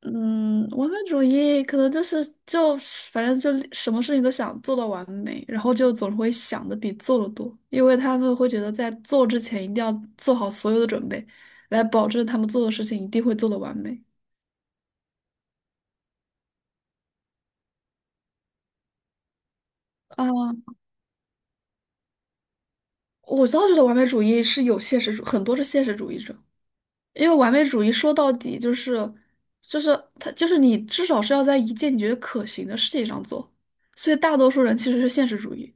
嗯，完美主义可能就是反正就什么事情都想做到完美，然后就总会想的比做的多，因为他们会觉得在做之前一定要做好所有的准备，来保证他们做的事情一定会做的完美。啊，我倒觉得完美主义是有现实主，很多是现实主义者，因为完美主义说到底就是就是他就是你至少是要在一件你觉得可行的事情上做，所以大多数人其实是现实主义。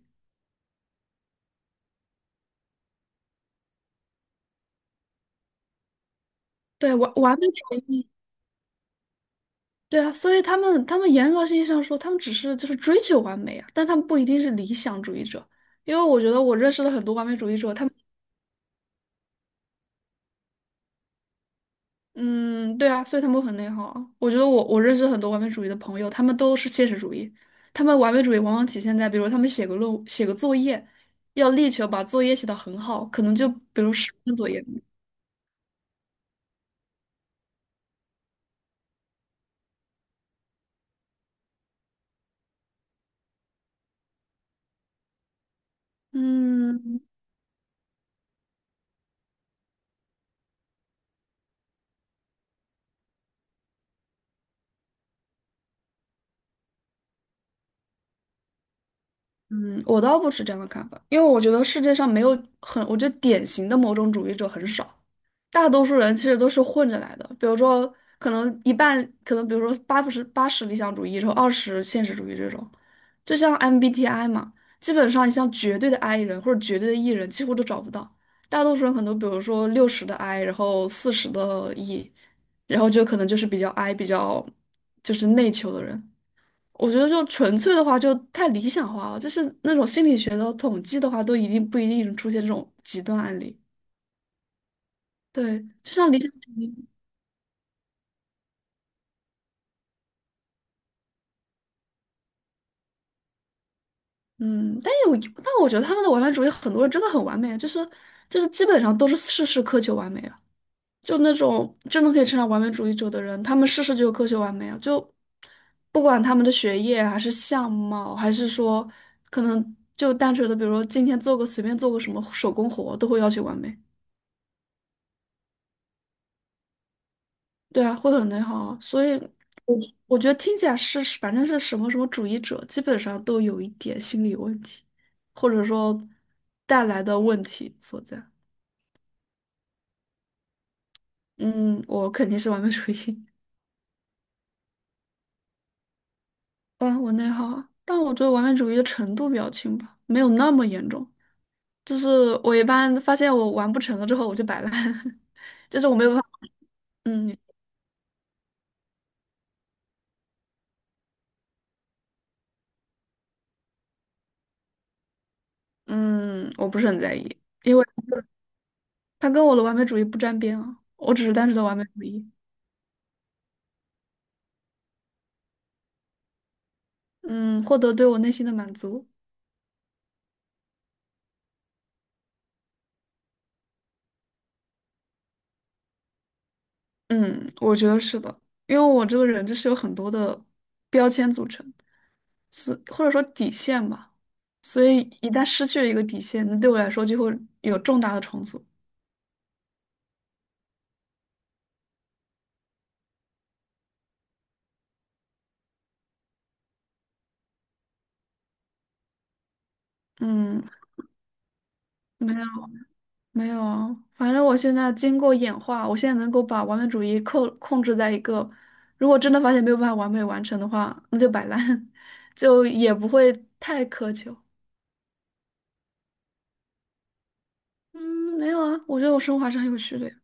对，完美主义。对啊，所以他们严格意义上说，他们只是就是追求完美啊，但他们不一定是理想主义者，因为我觉得我认识了很多完美主义者，他们。嗯，对啊，所以他们会很内耗啊。我觉得我认识很多完美主义的朋友，他们都是现实主义，他们完美主义往往体现在，比如他们写个作业，要力求把作业写得很好，可能就比如10分作业。嗯嗯，我倒不是这样的看法，因为我觉得世界上没有很，我觉得典型的某种主义者很少。大多数人其实都是混着来的，比如说可能一半，可能比如说八十理想主义，然后二十现实主义这种，就像 MBTI 嘛，基本上你像绝对的 I 人或者绝对的 E 人几乎都找不到，大多数人可能比如说60的 I，然后40的 E，然后就可能就是比较 I 比较就是内求的人。我觉得就纯粹的话就太理想化了，就是那种心理学的统计的话，都一定不一定出现这种极端案例。对，就像理想主义。嗯，但有，但我觉得他们的完美主义很多人真的很完美啊，就是基本上都是事事苛求完美啊，就那种真的可以称上完美主义者的人，他们事事就苛求完美啊，就不管他们的学业啊还是相貌，还是说可能就单纯的，比如说今天随便做个什么手工活，都会要求完美。对啊，会很内耗啊，所以我我觉得听起来是反正是什么什么主义者，基本上都有一点心理问题，或者说带来的问题所在。嗯，我肯定是完美主义，嗯，我内耗啊，但我觉得完美主义的程度比较轻吧，没有那么严重。就是我一般发现我完不成了之后，我就摆烂，就是我没有办法。嗯嗯，我不是很在意，因为它跟我的完美主义不沾边啊，我只是单纯的完美主义。嗯，获得对我内心的满足。嗯，我觉得是的，因为我这个人就是有很多的标签组成，是或者说底线吧，所以一旦失去了一个底线，那对我来说就会有重大的重组。嗯，没有，没有啊，反正我现在经过演化，我现在能够把完美主义控制在一个，如果真的发现没有办法完美完成的话，那就摆烂，就也不会太苛求。嗯，没有啊，我觉得我生活还是很有序的呀。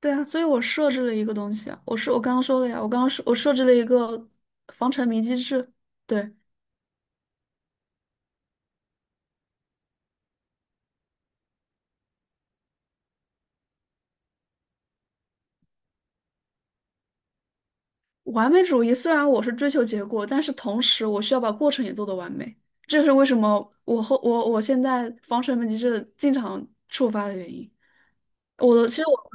对啊，所以我设置了一个东西啊，我是我刚刚说了呀，我刚刚设置了一个防沉迷机制。对，完美主义虽然我是追求结果，但是同时我需要把过程也做得完美，这是为什么我后我我现在防沉迷机制经常触发的原因。我的其实我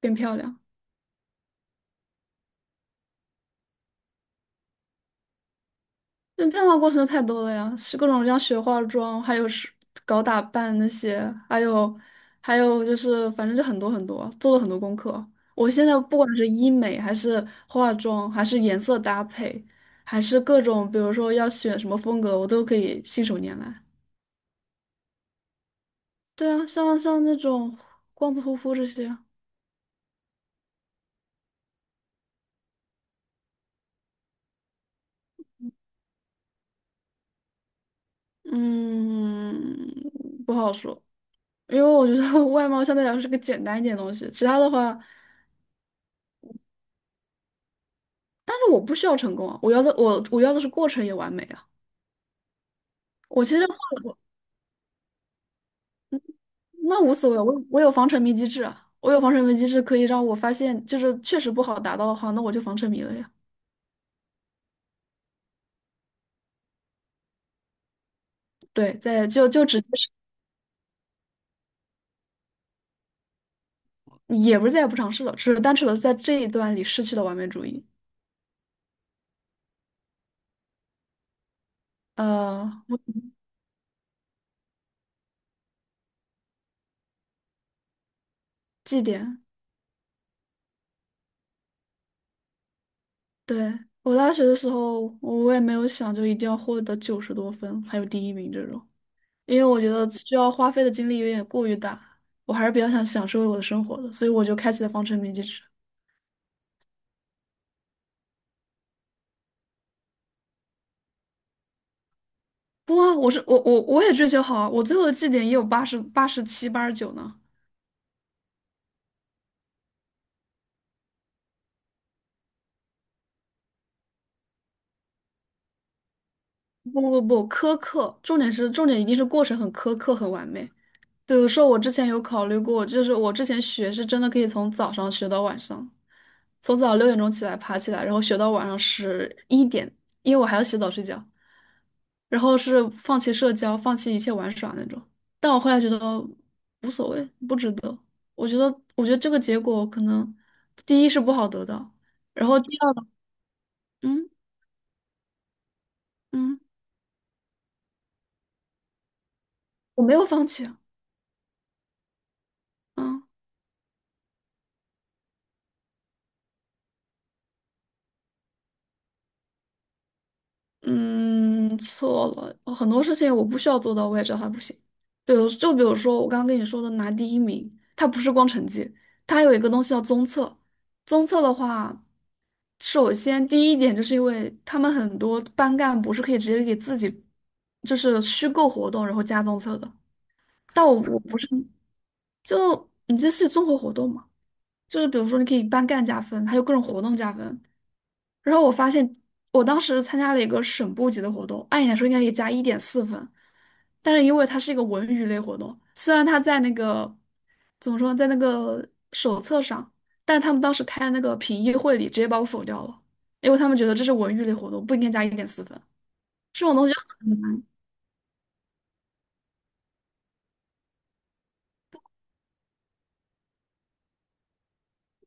变漂亮。这变化过程太多了呀，是各种像学化妆，还有是搞打扮那些，还有还有就是，反正就很多很多，做了很多功课。我现在不管是医美，还是化妆，还是颜色搭配，还是各种，比如说要选什么风格，我都可以信手拈来。对啊，像那种光子护肤这些。嗯，不好说，因为我觉得 外貌相对来说是个简单一点的东西，其他的话。但是我不需要成功啊，我要的我要的是过程也完美啊。我其实换了我那无所谓，我有防沉迷机制啊，我有防沉迷机制可以让我发现，就是确实不好达到的话，那我就防沉迷了呀。对，在就直接是，也不是再也不尝试了，只是单纯的在这一段里失去了完美主义。呃，绩点。对，我大学的时候，我也没有想就一定要获得90多分，还有第一名这种。因为我觉得需要花费的精力有点过于大，我还是比较想享受我的生活的，所以我就开启了方程铭机制。不啊，我是我我我也追求好啊，我最后的绩点也有八十七、89呢。不不不，苛刻，重点一定是过程很苛刻、很完美。比如说，我之前有考虑过，就是我之前学是真的可以从早上学到晚上，从早上6点钟爬起来，然后学到晚上11点，因为我还要洗澡睡觉，然后是放弃社交，放弃一切玩耍那种。但我后来觉得无所谓，不值得。我觉得，我觉得这个结果可能第一是不好得到，然后第二。嗯嗯，我没有放弃啊。嗯。嗯，错了，很多事情我不需要做到，我也知道它不行。比如，就比如说我刚刚跟你说的拿第一名，它不是光成绩，它还有一个东西叫综测。综测的话，首先第一点就是因为他们很多班干部是可以直接给自己就是虚构活动，然后加综测的。但我不是，就你这是综合活动吗？就是比如说你可以班干加分，还有各种活动加分。然后我发现，我当时参加了一个省部级的活动，按理来说应该可以加一点四分，但是因为它是一个文娱类活动，虽然它在那个怎么说，在那个手册上，但是他们当时开那个评议会里直接把我否掉了，因为他们觉得这是文娱类活动，不应该加一点四分。这种东西很难。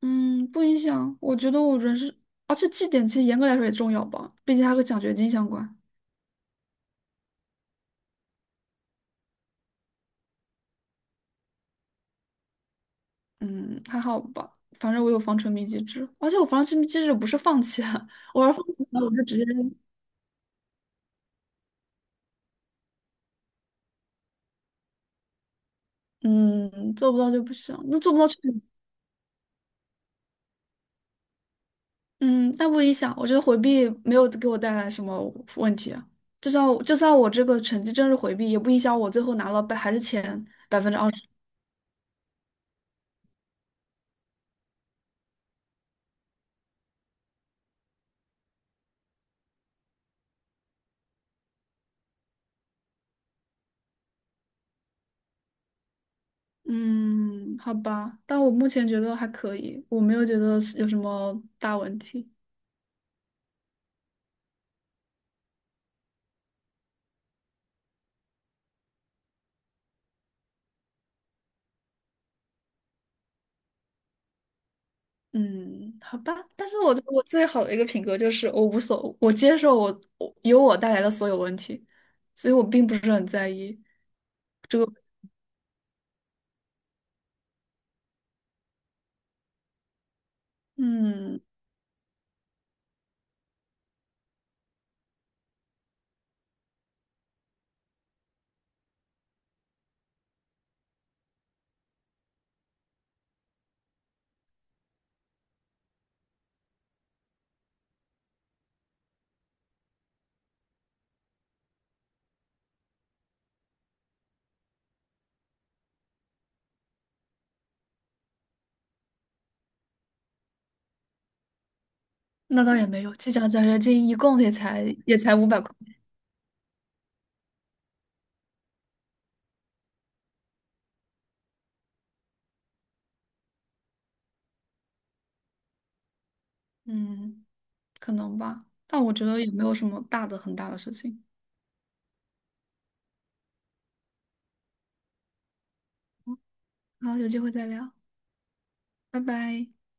嗯，不影响。我觉得我人是，而且绩点其实严格来说也重要吧，毕竟它和奖学金相关。嗯，还好吧，反正我有防沉迷机制，而且我防沉迷机制不是放弃啊，我要放弃了，我就直接。嗯，做不到就不行，那做不到就。嗯，那不影响，我觉得回避没有给我带来什么问题啊，就算我这个成绩真是回避，也不影响我最后拿了百还是前20%。嗯，好吧，但我目前觉得还可以，我没有觉得是有什么大问题。嗯，好吧，但是我最好的一个品格就是我无所，我接受我由我带来的所有问题，所以我并不是很在意这个。嗯，那倒也没有，这奖学金一共也才500块。嗯，可能吧，但我觉得也没有什么大的很大的事情。好，有机会再聊，拜拜。